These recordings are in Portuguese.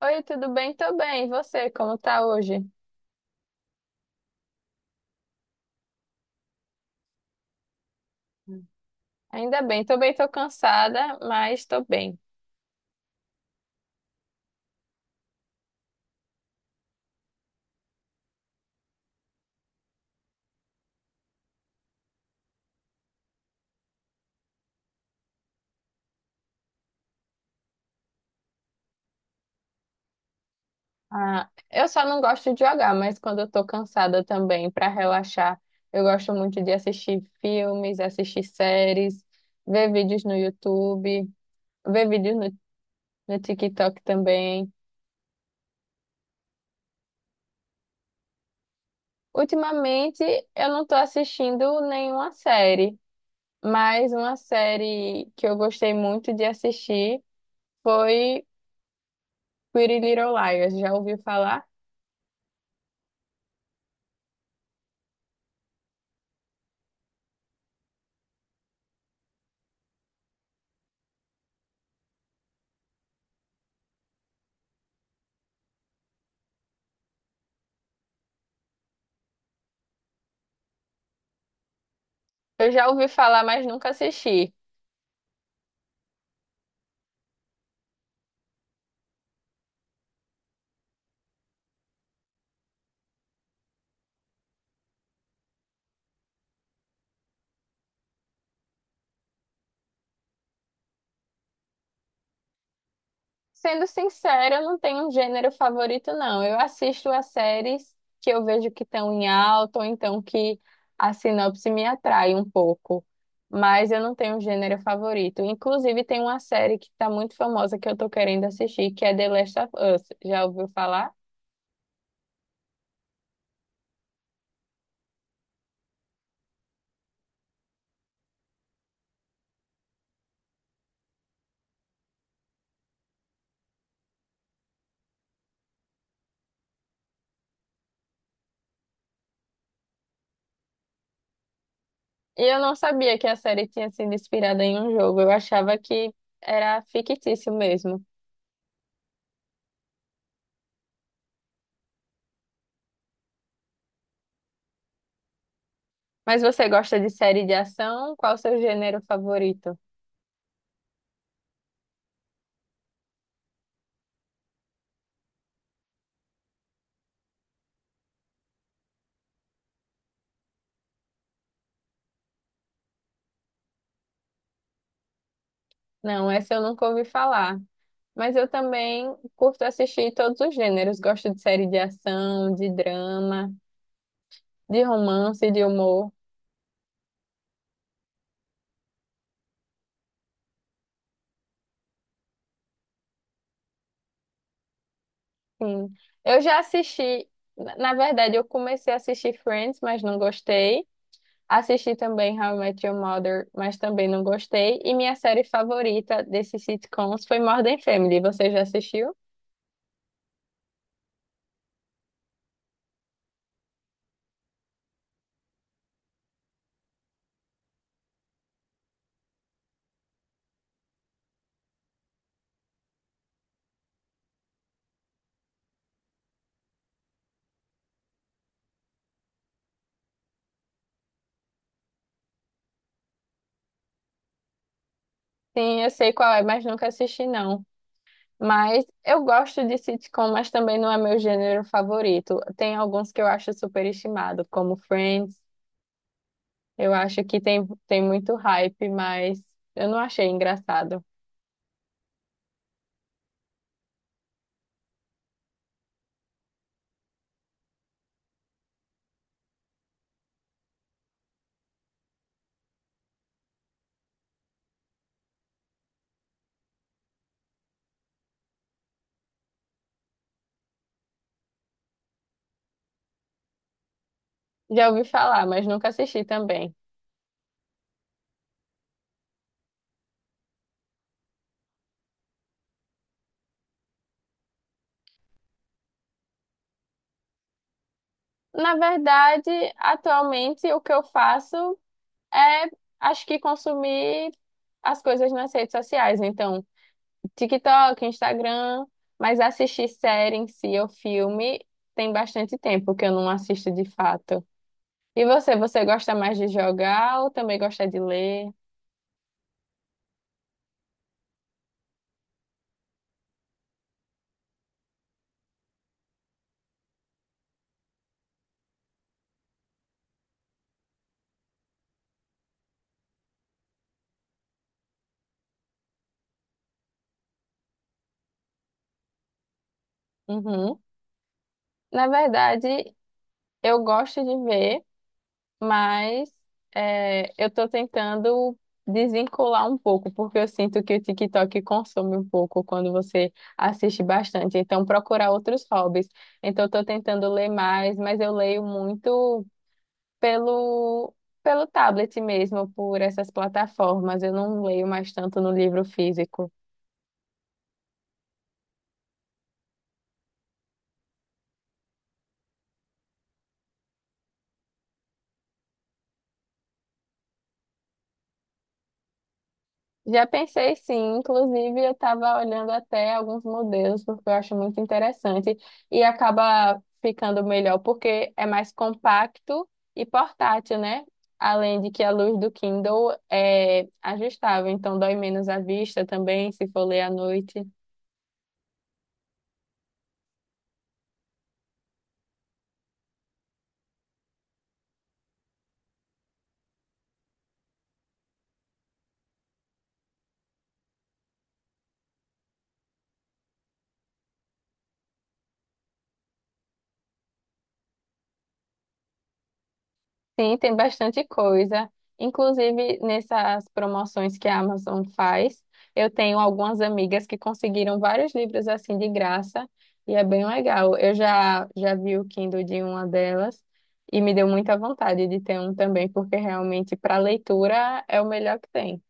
Oi, tudo bem? Tô bem. E você, como tá hoje? Ainda bem. Tô bem, tô cansada, mas tô bem. Ah, eu só não gosto de jogar, mas quando eu tô cansada também, pra relaxar, eu gosto muito de assistir filmes, assistir séries, ver vídeos no YouTube, ver vídeos no, no TikTok também. Ultimamente, eu não tô assistindo nenhuma série, mas uma série que eu gostei muito de assistir foi Pretty Little Liars, já ouviu falar? Eu já ouvi falar, mas nunca assisti. Sendo sincera, eu não tenho um gênero favorito, não. Eu assisto as séries que eu vejo que estão em alta, ou então que a sinopse me atrai um pouco. Mas eu não tenho um gênero favorito. Inclusive, tem uma série que está muito famosa que eu estou querendo assistir, que é The Last of Us. Já ouviu falar? E eu não sabia que a série tinha sido inspirada em um jogo. Eu achava que era fictício mesmo. Mas você gosta de série de ação? Qual o seu gênero favorito? Não, essa eu nunca ouvi falar. Mas eu também curto assistir todos os gêneros. Gosto de série de ação, de drama, de romance, de humor. Sim. Eu já assisti, na verdade, eu comecei a assistir Friends, mas não gostei. Assisti também How I Met Your Mother, mas também não gostei. E minha série favorita desses sitcoms foi Modern Family. Você já assistiu? Sim, eu sei qual é, mas nunca assisti, não. Mas eu gosto de sitcom, mas também não é meu gênero favorito. Tem alguns que eu acho superestimado, como Friends. Eu acho que tem muito hype, mas eu não achei engraçado. Já ouvi falar, mas nunca assisti também. Na verdade, atualmente o que eu faço é, acho que consumir as coisas nas redes sociais. Então, TikTok, Instagram, mas assistir série em si ou filme tem bastante tempo que eu não assisto de fato. E você, você gosta mais de jogar ou também gosta de ler? Uhum. Na verdade, eu gosto de ver, mas eu estou tentando desvincular um pouco, porque eu sinto que o TikTok consome um pouco quando você assiste bastante. Então, procurar outros hobbies. Então, eu estou tentando ler mais, mas eu leio muito pelo, pelo tablet mesmo, por essas plataformas. Eu não leio mais tanto no livro físico. Já pensei, sim, inclusive eu estava olhando até alguns modelos, porque eu acho muito interessante e acaba ficando melhor porque é mais compacto e portátil, né? Além de que a luz do Kindle é ajustável, então dói menos a vista também, se for ler à noite. Sim, tem bastante coisa. Inclusive, nessas promoções que a Amazon faz, eu tenho algumas amigas que conseguiram vários livros assim de graça e é bem legal. Eu já vi o Kindle de uma delas e me deu muita vontade de ter um também, porque realmente para leitura é o melhor que tem.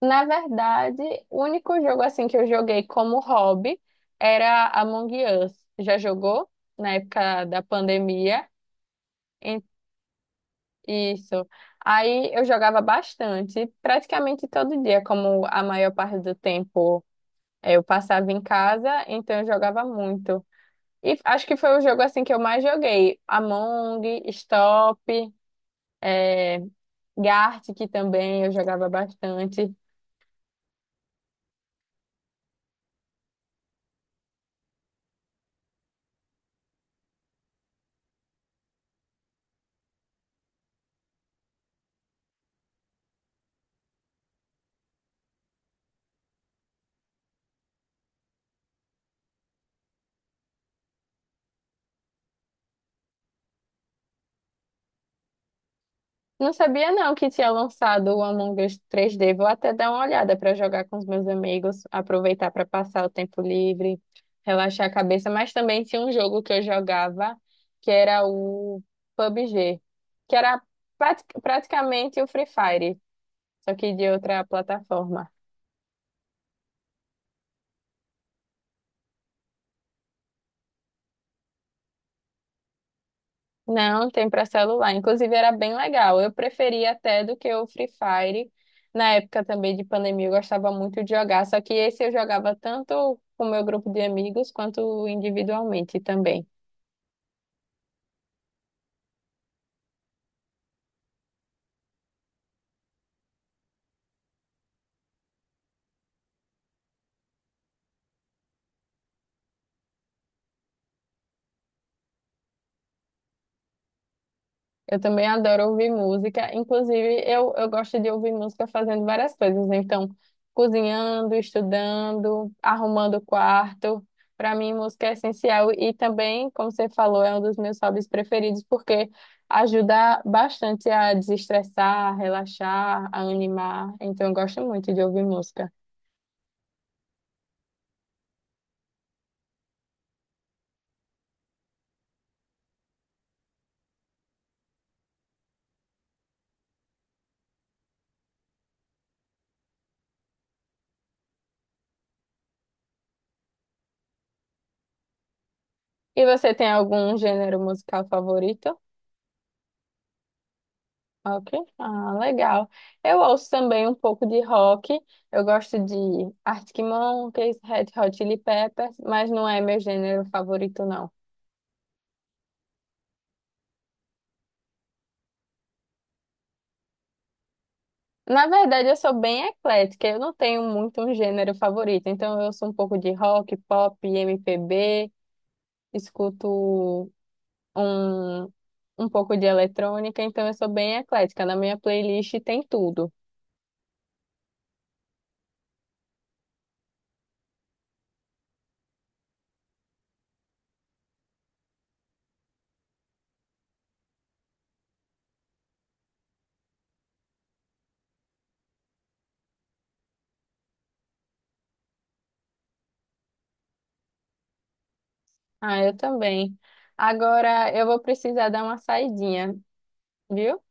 Na verdade, o único jogo assim que eu joguei como hobby era Among Us. Já jogou? Na época da pandemia. Isso. Aí eu jogava bastante, praticamente todo dia, como a maior parte do tempo eu passava em casa, então eu jogava muito. E acho que foi o jogo assim que eu mais joguei. Among, Stop, eh, Gartic também eu jogava bastante. Não sabia, não, que tinha lançado o Among Us 3D. Vou até dar uma olhada para jogar com os meus amigos, aproveitar para passar o tempo livre, relaxar a cabeça. Mas também tinha um jogo que eu jogava, que era o PUBG, que era praticamente o Free Fire, só que de outra plataforma. Não, tem para celular. Inclusive era bem legal. Eu preferia até do que o Free Fire. Na época também de pandemia eu gostava muito de jogar, só que esse eu jogava tanto com o meu grupo de amigos quanto individualmente também. Eu também adoro ouvir música. Inclusive, eu gosto de ouvir música fazendo várias coisas, né? Então, cozinhando, estudando, arrumando o quarto. Para mim, música é essencial. E também, como você falou, é um dos meus hobbies preferidos, porque ajuda bastante a desestressar, a relaxar, a animar. Então, eu gosto muito de ouvir música. E você tem algum gênero musical favorito? Ok, ah, legal. Eu ouço também um pouco de rock. Eu gosto de Arctic Monkeys, Red Hot Chili Peppers, mas não é meu gênero favorito, não. Na verdade, eu sou bem eclética. Eu não tenho muito um gênero favorito. Então, eu ouço um pouco de rock, pop, MPB, escuto um, um pouco de eletrônica. Então, eu sou bem eclética. Na minha playlist tem tudo. Ah, eu também. Agora, eu vou precisar dar uma saidinha, viu?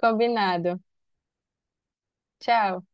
Combinado. Tchau.